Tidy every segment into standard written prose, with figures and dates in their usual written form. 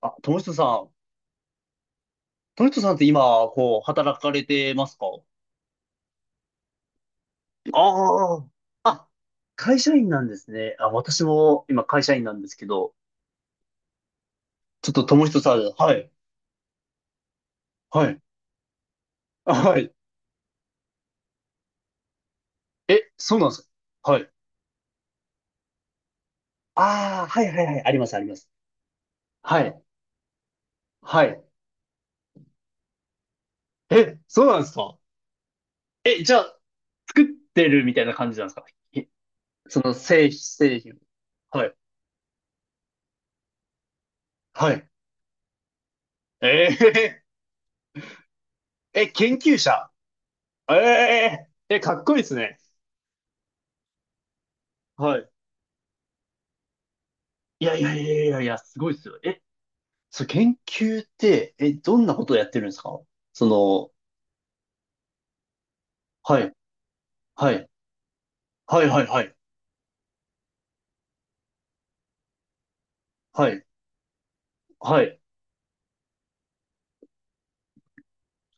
あ、友人さん。友人さんって今、こう、働かれてますか？ああー。あ、会社員なんですね。あ、私も今会社員なんですけど、ちょっと友人さん、はい、はい、あはい。え、そうなんですか？はい。ああ、はいはいはい、ありますあります。はい、はい。え、そうなんですか？え、じゃあ、作ってるみたいな感じなんですか？えその製品、製品。はい、はい。えー、え、研究者。えええ、かっこいいですね。はい、いやいやいやいやいや、すごいですよ。え、そう、研究って、え、どんなことをやってるんですか？その、はい、はい、はい、はい、はい、はい、はい、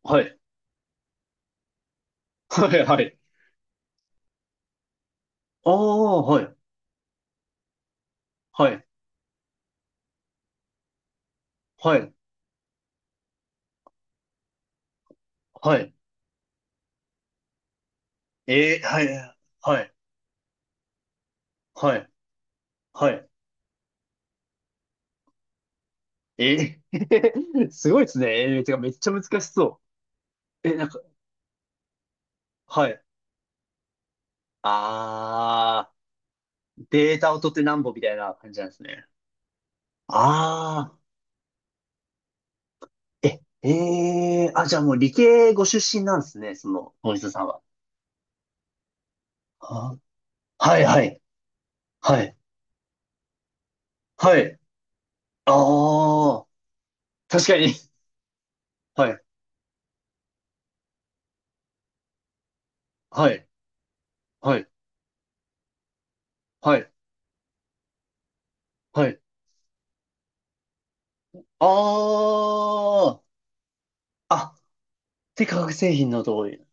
はい、はい、はい。ああ、はい、はい、はい、はい。えー、はい、はい、はい、はい。えー、すごいですね。えー、てか、めっちゃ難しそう。え、なんか、はい。ああ、データを取ってなんぼみたいな感じなんですね。ああ。え、ええあ、じゃあもう理系ご出身なんですね、その、ノイズさんは。あはい、はい、はい、はい。ああ、確かに。はい、はい、はい、はい、はい。ああ、あ、で、化学製品の同意。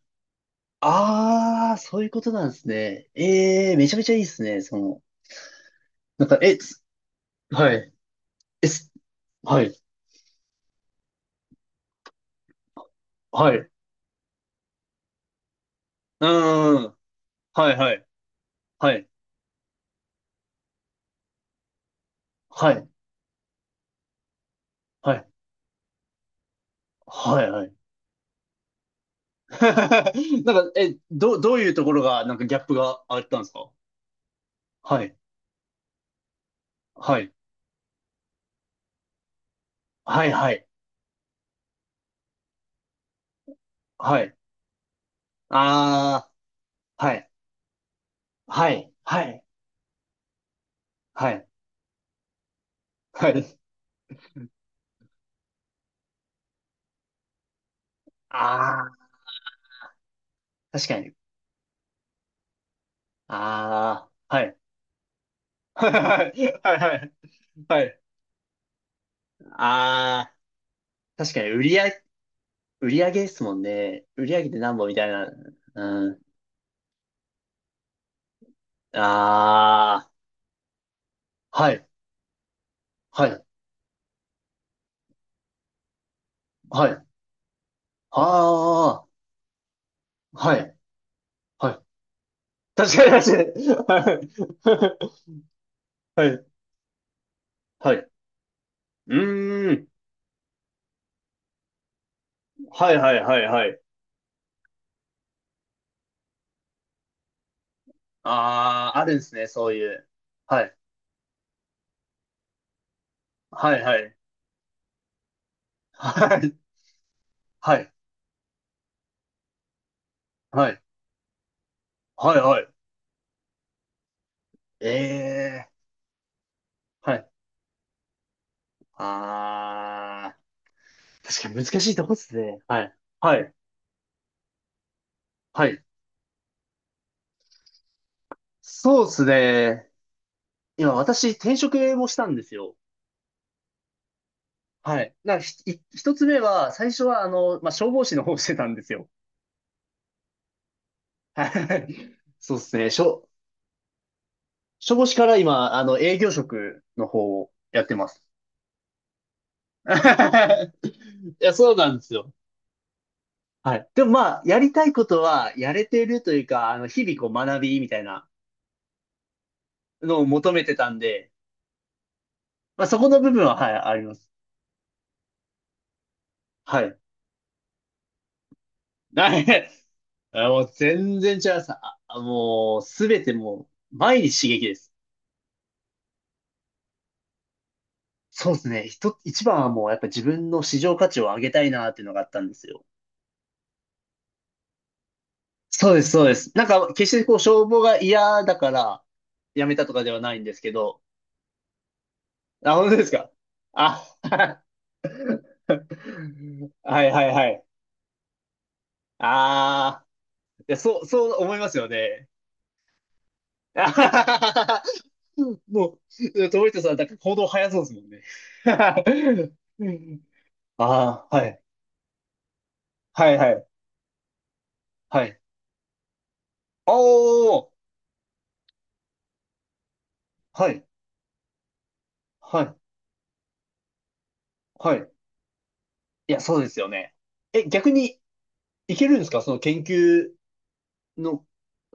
ああ、そういうことなんですね。ええめちゃめちゃいいですね、その、なんか、え、つはい、え、すはい、はい、うーん、はい、はい、はい、はい、はい、はい、はい、なんか、え、ど、どういうところが、なんかギャップがあったんですか？はい。はい。はい、はい。はい。ああ、はい。はい。はい。はい。はい。ああ、確かに。ああ、はい。はい。はい。はい。はい。ああ、確かに、売り上げ、売り上げですもんね。売り上げで何本みたいな。うん。ああ、はい。はい。はい。ああ、はい。はい。確かに、確かに。はいはい。はい。うーん。はいはいはいはい。ああ、あるんですね、そういう。はい。はいはい。はい。はい。はい。はいはい。ええはい。ああ、確かに難しいとこっすね。はい。はい。はい。そうっすね。今私転職もしたんですよ。はい。な、ひ、一つ目は、最初はまあ、消防士の方をしてたんですよ。はい。そうっすね。消、消防士から今、あの、営業職の方をやってます。いや、そうなんですよ。はい。でもまあ、やりたいことはやれてるというか、あの、日々こう学びみたいなのを求めてたんで、まあそこの部分は、はい、あります。はい。はい。あもう全然違います。ああもう、すべてもう、毎日刺激です。そうですね。一つ、一番はもうやっぱ自分の市場価値を上げたいなっていうのがあったんですよ。そうです、そうです。なんか、決してこう、消防が嫌だから、やめたとかではないんですけど、あ、本当ですか？あ、はいはいはい。ああ、いや、そう、そう思いますよね。あははははもう、トリトさん、だん行動早そうですもんね。ああー、はい。はいはい。はい。おー、はい。はい。はい。いや、そうですよね。え、逆に、いけるんですかその研究の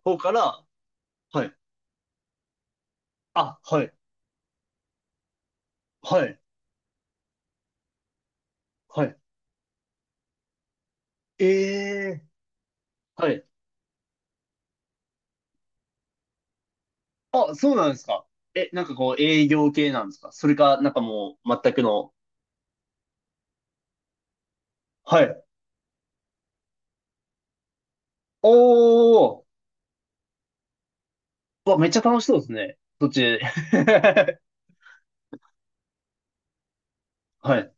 方から。はい。あ、はい。はい。はい。ええーはい。あ、そうなんですか。え、なんかこう営業系なんですか？それか、なんかもう全くの。はい。おー、うわ、めっちゃ楽しそうですね。そっち。はい。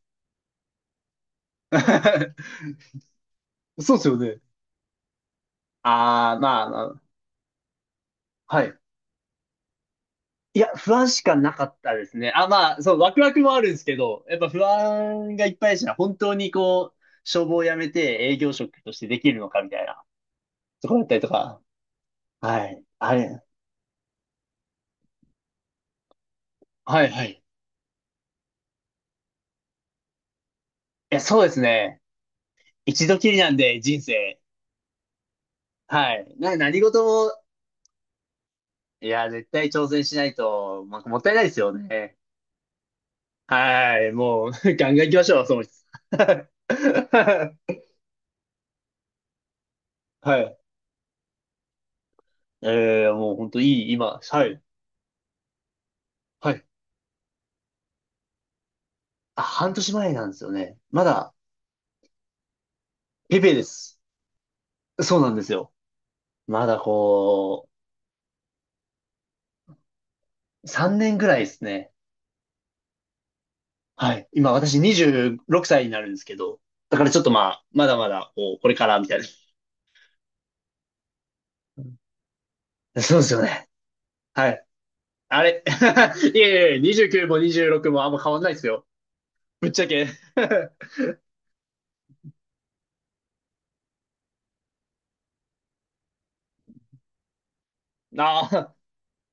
そうですよね。あー、まあ、まあ、はい。いや、不安しかなかったですね。あ、まあ、そう、ワクワクもあるんですけど、やっぱ不安がいっぱいでした。本当にこう、消防を辞めて営業職としてできるのかみたいなところだったりとか。はい。あれ。はい、はい。いや、そうですね。一度きりなんで、人生。はい。な、何事も、いや、絶対挑戦しないと、まあ、もったいないですよね。はい。もう、ガンガン行きましょう、その人。はい。えー、もう本当いい、今。はい。はい。あ、半年前なんですよね。まだ、ペペです。そうなんですよ。まだこう、3年ぐらいですね。はい。今、私26歳になるんですけど。だからちょっとまあ、まだまだ、こう、これからみたいな。そうですよね。はい。あれ いえいやいや、29も26もあんま変わんないですよ。ぶっちゃけ ああ、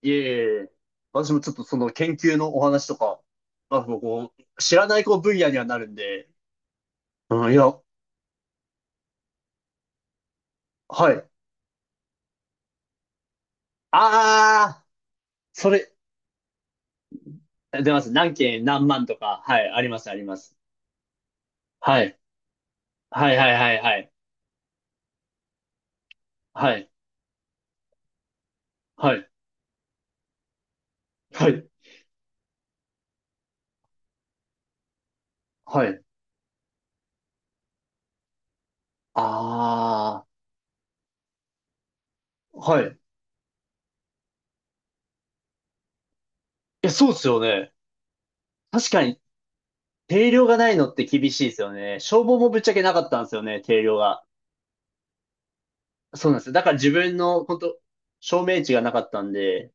いえいえ私もちょっとその研究のお話とか、まあ、こう、知らないこう分野にはなるんで、うん、いや、はい。ああ、それ、出ます。何件何万とか、はい、あります、あります。はい。はいはいはいはい。はい。はい。はい。はい。ああ、はい。いや、そうっすよね。確かに定量がないのって厳しいですよね。消防もぶっちゃけなかったんですよね、定量が。そうなんですよ。だから自分の、本当証明値がなかったんで、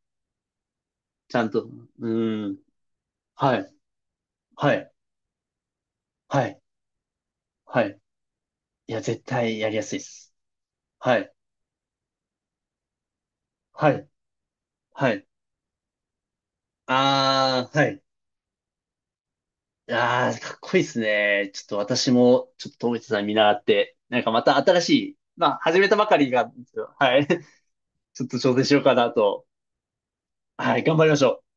ちゃんと、うん。はい、はい、はい、はい。いや、絶対やりやすいです。はい、はい、はい。あー、はい。あー、かっこいいですね。ちょっと私も、ちょっと友一さん見習って、なんかまた新しい、まあ、始めたばかりが、はい、ちょっと挑戦しようかなと。はい、頑張りましょう。